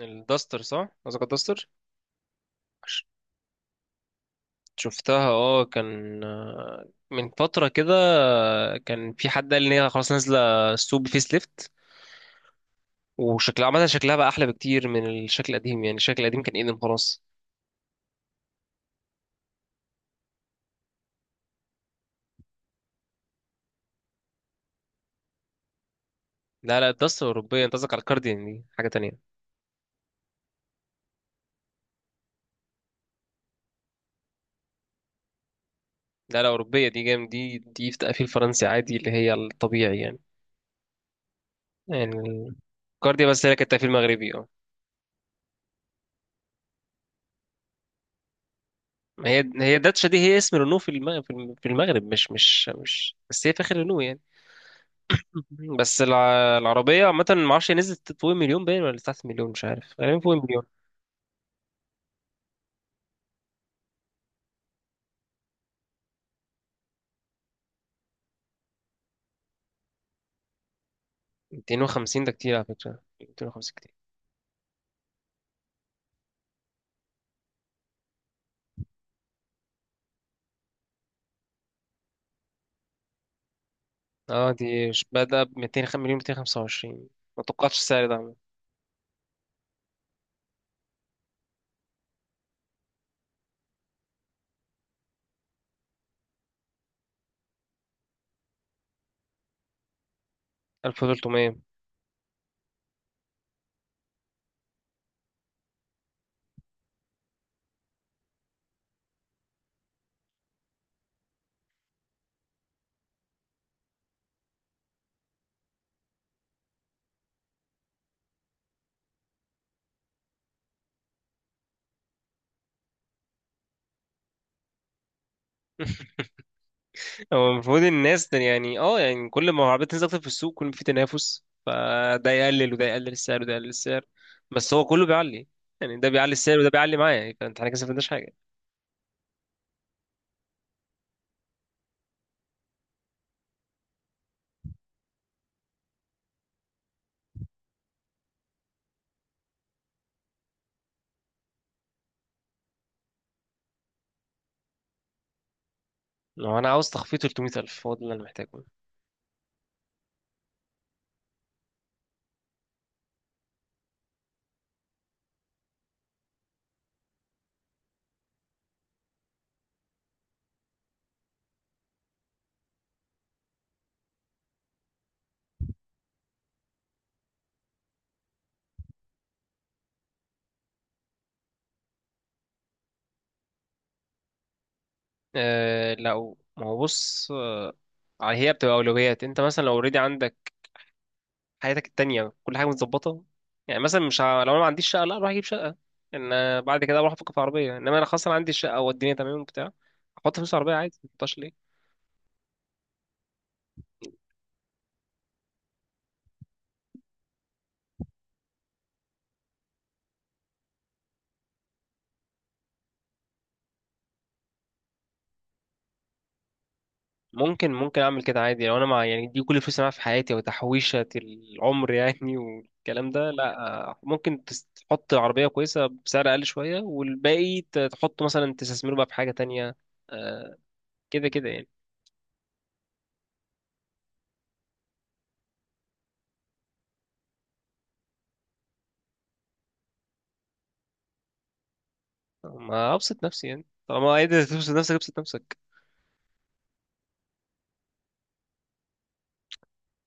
الداستر، صح؟ قصدك الداستر. ش- شفتها، اه كان من فترة كده. كان في حد قال ان هي خلاص نازلة السوق بفيس ليفت، وشكلها عامة، شكلها بقى أحلى بكتير من الشكل القديم، يعني الشكل القديم كان ايدن خلاص. لا الداستر أوروبية، أنت قصدك على الكارديان، دي حاجة تانية. لا أوروبية، دي جام، دي في تقفيل فرنسي عادي اللي هي الطبيعي يعني. يعني الكارديان، بس هي كانت تقفيل مغربي، اه. ما هي، هي داتشا دي هي اسم رينو في المغرب، مش بس، هي فاخر رينو يعني. بس العربية عامة، معرفش هي نزلت فوق المليون باين ولا تحت المليون، مش عارف، غالبا فوق المليون. 250 ده كتير على فكرة، 250 كتير. اه دي بدأ ب 205 مليون 225، ما توقعتش السعر ده عامة. 1300. هو المفروض، الناس ده يعني اه يعني كل ما العربية تنزل أكتر في السوق، كل ما في تنافس، فده يقلل وده يقلل السعر وده يقلل السعر. بس هو كله بيعلي، يعني ده بيعلي السعر وده بيعلي معايا، فانت احنا كده ما استفدناش حاجة. لو انا عاوز تخفيض 300,000، هو ده اللي انا محتاجه. آه، لو ما هو بص، آه، هي بتبقى اولويات. انت مثلا لو اوريدي عندك حياتك التانية كل حاجه متظبطه، يعني مثلا مش ه... لو انا ما عنديش شقه، لا اروح اجيب شقه. ان بعد كده اروح افكر في عربيه، انما انا خلاص انا عندي الشقه والدنيا تمام وبتاع، احط فلوس في عربيه عادي، ما احطهاش ليه؟ ممكن اعمل كده عادي، لو انا مع يعني دي كل فلوس اللي معايا في حياتي وتحويشه العمر يعني والكلام ده، لا. ممكن تحط عربيه كويسه بسعر اقل شويه، والباقي تحطه مثلا تستثمره بقى في حاجه تانية. آه، كده كده يعني. ما ابسط نفسي يعني، طالما قادر تبسط نفسك، ابسط نفسك.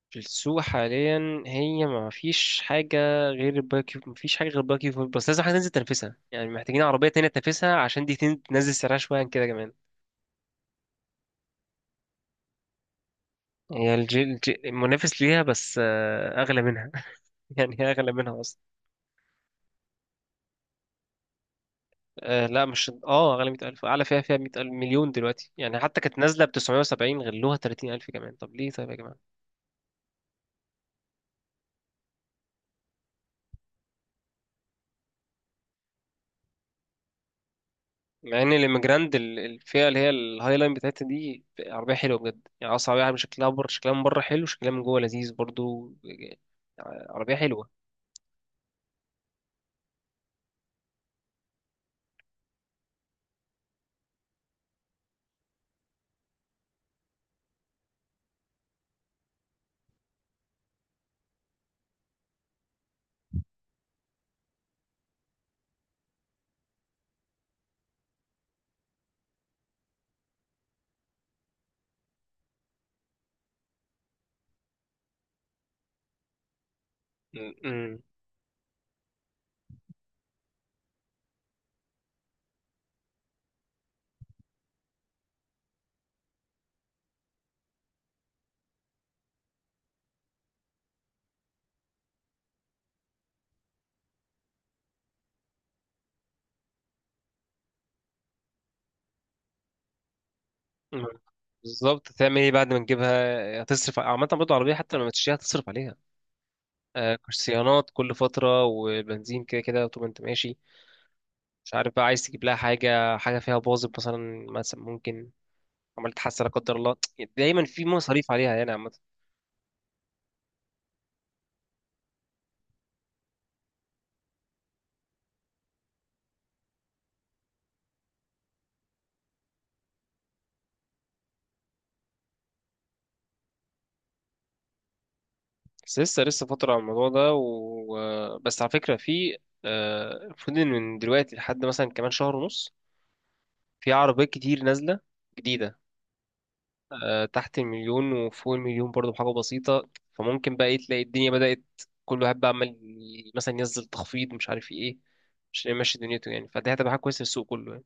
في السوق حاليا هي ما فيش حاجة غير الباربيكيو، ما فيش حاجة غير الباربيكيو فور، بس لازم حاجة تنزل تنافسها، يعني محتاجين عربية تانية تنافسها عشان دي تنزل سعرها شوية عن كده كمان. هي المنافس ليها، بس أغلى منها يعني هي أغلى منها أصلا. آه لا مش اه، أغلى 100,000، أعلى فيها، فيها 100,000 مليون دلوقتي يعني. حتى كانت نازلة بـ 970، غلوها 30,000 كمان، طب ليه؟ طيب يا جماعة. مع ان الاميجراند الفئه اللي هي الهاي لاين بتاعتها دي عربيه حلوه بجد، يعني اصلا عربيه، شكلها بره، شكلها من بره حلو، شكلها من جوه لذيذ برضو. عربيه حلوه. م- م- م. بالظبط، تعمل ايه بعد ما تجيبها؟ هتصرف. عامه برضو عربيه، حتى لما تشتريها هتصرف عليها. صيانات كل فتره، وبنزين، كده كده طول ما انت ماشي. مش عارف بقى، عايز تجيب لها حاجه، حاجه فيها باظت مثلا، مثلا ممكن عملت حادثه لا قدر الله، دايما في مصاريف عليها يعني. بس لسه فترة على الموضوع ده بس على فكرة في المفروض إن من دلوقتي لحد مثلا كمان شهر ونص، في عربيات كتير نازلة جديدة. تحت المليون وفوق المليون برضه بحاجة بسيطة، فممكن بقى إيه، تلاقي الدنيا بدأت كل واحد بقى عمال مثلا ينزل تخفيض، مش عارف ايه، مش ماشي دنيته يعني، فدي هتبقى حاجة كويسة في السوق كله يعني.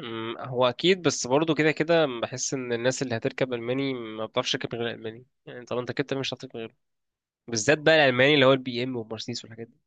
هو أكيد، بس برضه كده كده بحس إن الناس اللي هتركب ألماني ما بتعرفش تركب غير الألماني، يعني طالما أنت ركبت ألماني مش هتعرف تركب غيره، بالذات بقى الألماني اللي هو البي إم والمرسيدس والحاجات دي.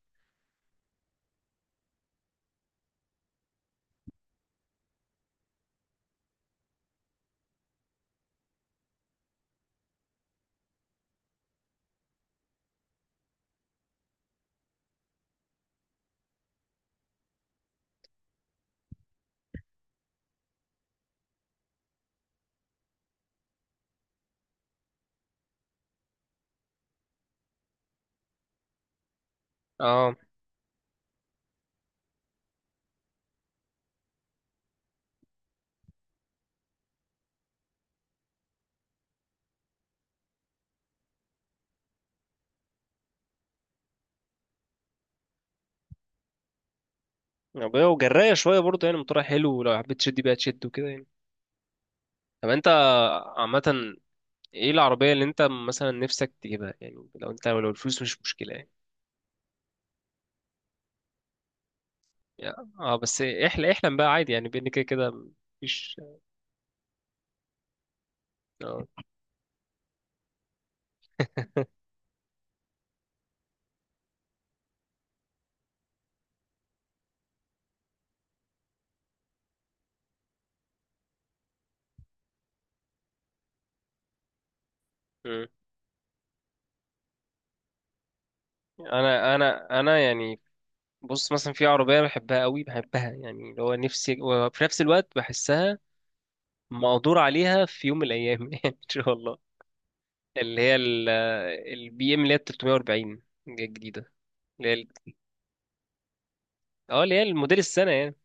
اه بقى، وجراية شوية برضه، يعني موتورها حلو، ولو حبيت تشد بيها تشد وكده يعني. طب انت عامة ايه العربية اللي انت مثلا نفسك تجيبها يعني، لو انت لو الفلوس مش مشكلة يعني؟ يعني- اه بس احلم، احلم بقى عادي يعني، بان كده كده مفيش. اه. مم. انا يعني، بص، مثلا في عربية بحبها قوي بحبها، يعني اللي هو نفسي، وفي نفس الوقت بحسها مقدور عليها في يوم من الايام يعني ان شاء الله. اللي هي البي ام اللي هي 340 الجديدة. اه اللي هي المدير السنه يعني.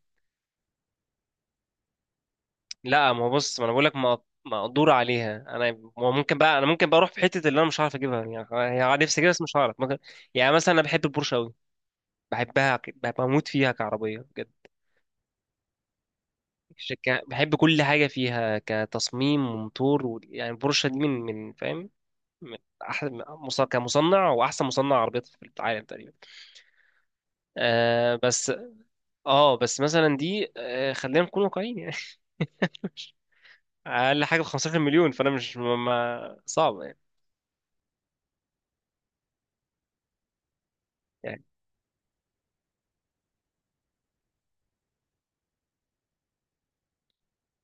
لا، ما هو بص، ما انا بقول لك مقدور عليها. انا، ما هو ممكن بقى، انا ممكن بقى اروح في حته اللي انا مش هعرف اجيبها، يعني هي نفسي اجيبها بس مش هعرف، ممكن يعني. مثلا انا بحب البورشه قوي، بحبها بموت فيها كعربيه بجد. بحب كل حاجه فيها، كتصميم وموتور يعني البورشه دي من فاهم، من احسن كمصنع، واحسن مصنع عربيات في العالم تقريبا. آه بس، اه بس مثلا دي آه، خلينا نكون واقعيين يعني اقل حاجه ب 15 مليون، فانا مش صعب يعني، يعني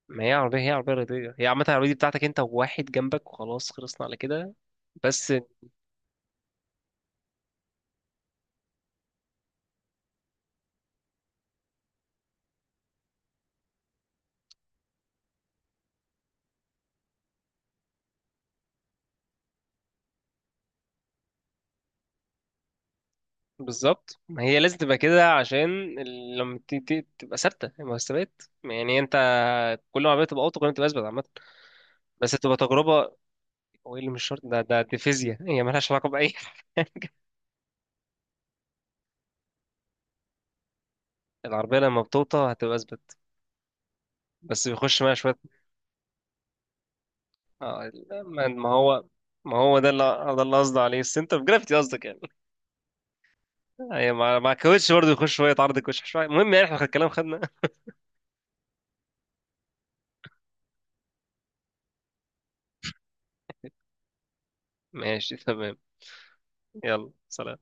ما هي عربيه، هي عربيه رياضيه، هي عامه العربيه دي بتاعتك انت وواحد جنبك وخلاص، خلصنا على كده. بس بالظبط، ما هي لازم تبقى كده عشان لما تبقى ثابته المستويات، يعني انت كل ما العربيه تبقى اوطى، كل ما تبقى اثبت عامه. بس تبقى تجربه. هو ايه اللي مش شرط ده؟ دي فيزياء، هي مالهاش علاقه باي حاجه. العربيه لما بتوطى هتبقى اثبت، بس بيخش بقى شويه. اه، ما هو ما هو ده اللي قصدي عليه، السنتر جرافيتي قصدك يعني. ايوه، مع كوتش برضه، يخش شويه، يتعرض الكوتش شويه، المهم يعني احنا الكلام خدنا. ماشي تمام. يلا سلام.